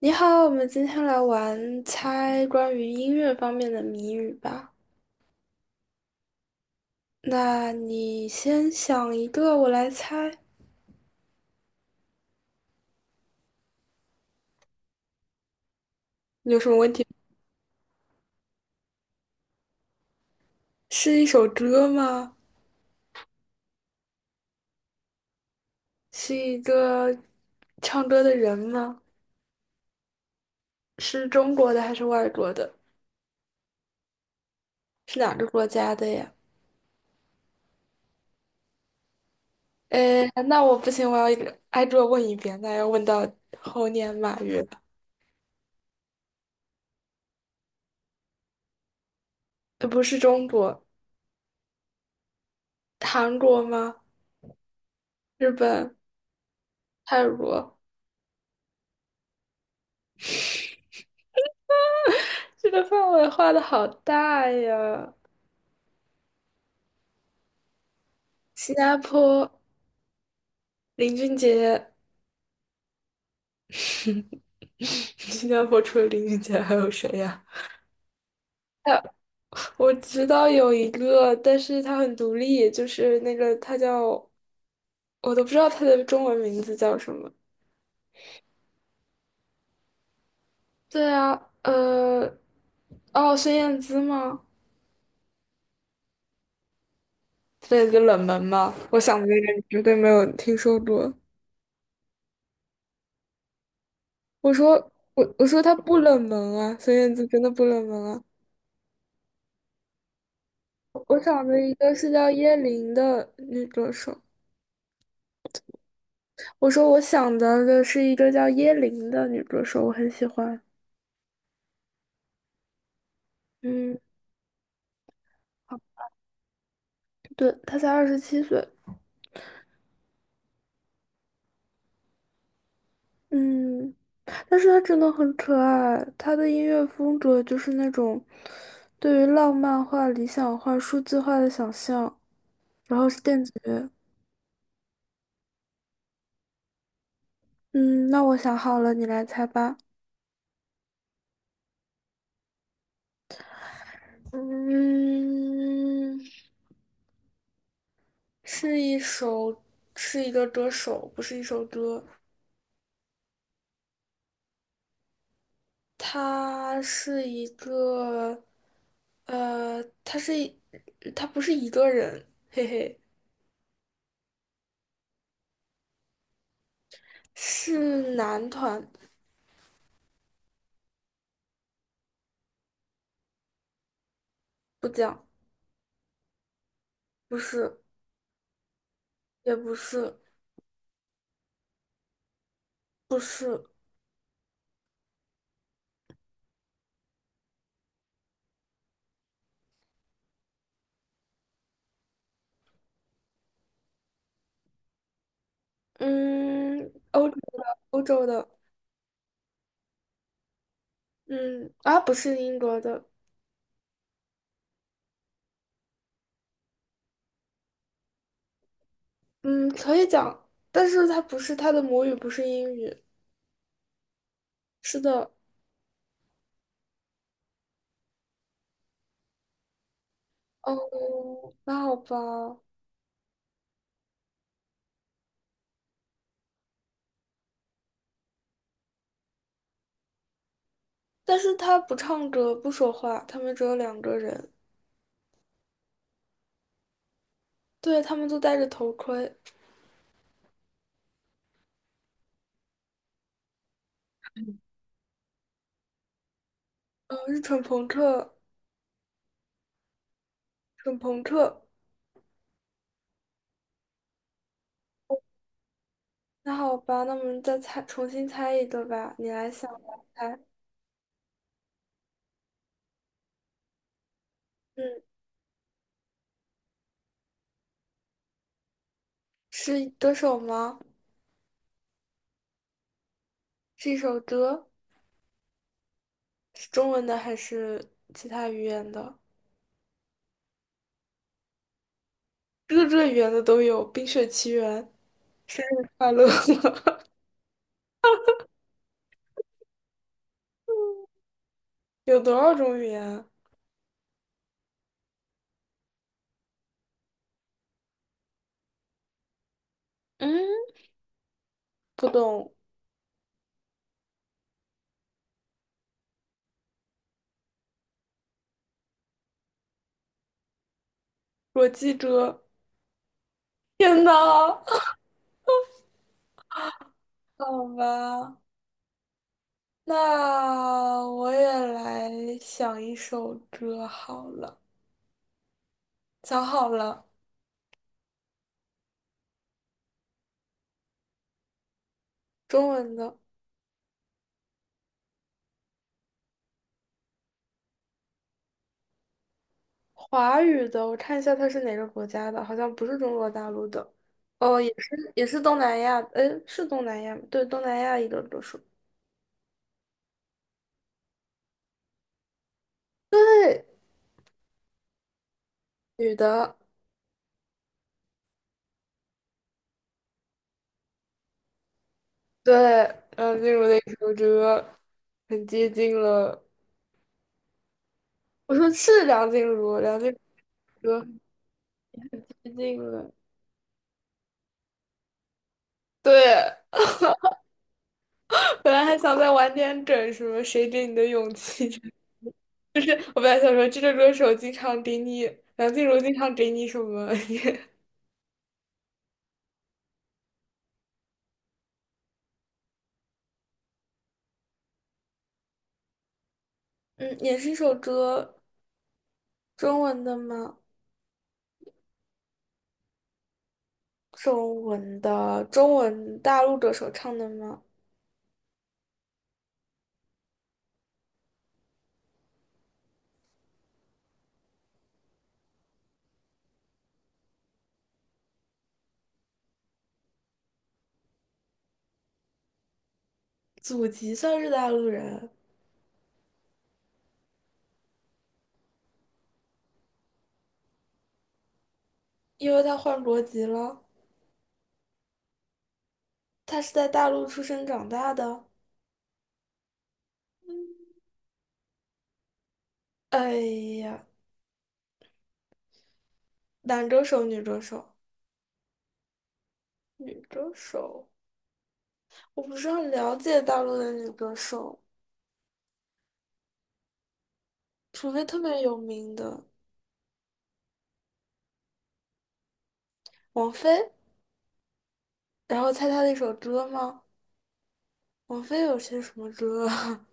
你好，我们今天来玩猜关于音乐方面的谜语吧。那你先想一个，我来猜。你有什么问题？是一首歌吗？是一个唱歌的人吗？是中国的还是外国的？是哪个国家的呀？诶，那我不行，我要一个挨个问一遍，那要问到猴年马月了。不是中国，韩国吗？日本、泰国？这个范围画的好大呀！新加坡林俊杰，新加坡除了林俊杰还有谁呀？呃，我知道有一个，但是他很独立，就是那个他叫，我都不知道他的中文名字叫什么。对啊，呃，哦，孙燕姿吗？孙燕姿冷门吗？我想的那个你绝对没有听说过。我说我说他不冷门啊，孙燕姿真的不冷门啊。我想的一个是叫叶琳的女歌手。我说我想到的是一个叫耶林的女歌手，我很喜欢。嗯，好，对，她才27岁。嗯，但是她真的很可爱，她的音乐风格就是那种对于浪漫化、理想化、数字化的想象，然后是电子乐。嗯，那我想好了，你来猜吧。嗯，是一首，是一个歌手，不是一首歌。他是一个，他是不是一个人，嘿嘿，是男团，不讲，不是，也不是，不是，嗯，欧洲的，欧洲的，嗯，啊，不是英国的，嗯，可以讲，但是他不是，他的母语不是英语，是的，哦，那好吧，但是他不唱歌，不说话，他们只有两个人，对，他们都戴着头盔。是纯朋克，纯朋克。那好吧，那我们再猜，重新猜一个吧。你来想，我来猜。嗯，是歌手吗？是一首歌，是中文的还是其他语言的？各个语言的都有，《冰雪奇缘》生日快乐，有多少种语言啊嗯，不懂，我记着。天呐，好吧，那我也来想一首歌好了，想好了，中文的。华语的，我看一下它是哪个国家的，好像不是中国大陆的，哦，也是也是东南亚，诶，是东南亚吗对，东南亚一个歌手，对，女的，对，梁静茹的一首歌，很接近了，我说是梁静茹，梁静茹的歌很接近了，对，本来还想再晚点整什么谁给你的勇气，我本来想说这个歌手经常给你，梁静茹经常给你什么，嗯，也是一首歌，中文的吗？中文的，中文大陆歌手唱的吗？祖籍算是大陆人，因为他换国籍了。他是在大陆出生长大的。哎呀，男歌手、女歌手，女歌手，我不是很了解大陆的女歌手，除非特别有名的王菲。然后猜她的一首歌吗？王菲有些什么歌啊？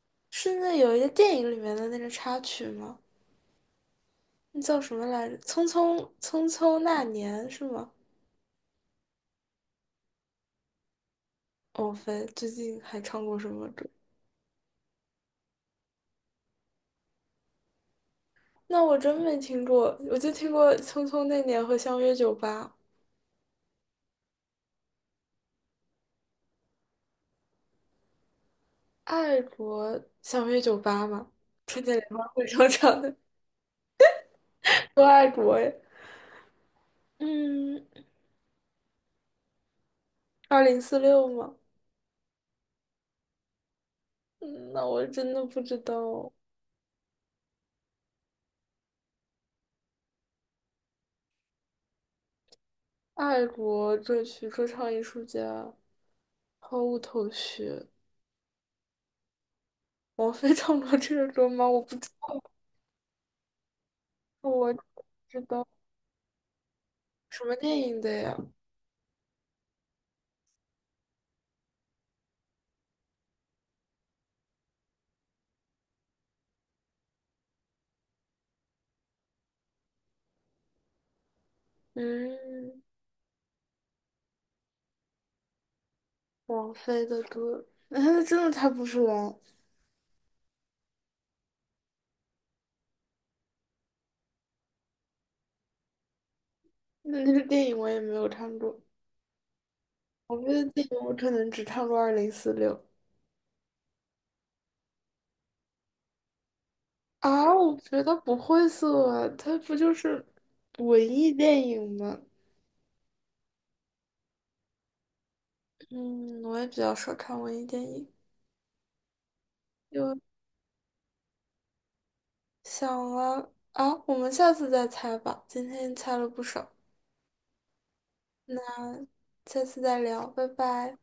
是那有一个电影里面的那个插曲吗？那叫什么来着？《匆匆那年》是吗？王菲最近还唱过什么歌？那我真没听过，我就听过《匆匆那年》和《相约酒吧》。爱国相约酒吧》嘛，春节联欢会上唱的《多爱国》呀。嗯，二零四六嘛。嗯，那我真的不知道。爱国这曲说唱艺术家毫无头绪。王菲唱过这个歌吗？我不知道。什么电影的呀？嗯。王菲的歌，那她真的猜不出来。那那个电影我也没有看过，王菲的电影我可能只看过《二零四六》啊。我觉得不会色啊，它不就是文艺电影吗？嗯，我也比较少看文艺电影。就想了啊，我们下次再猜吧。今天猜了不少，那下次再聊，拜拜。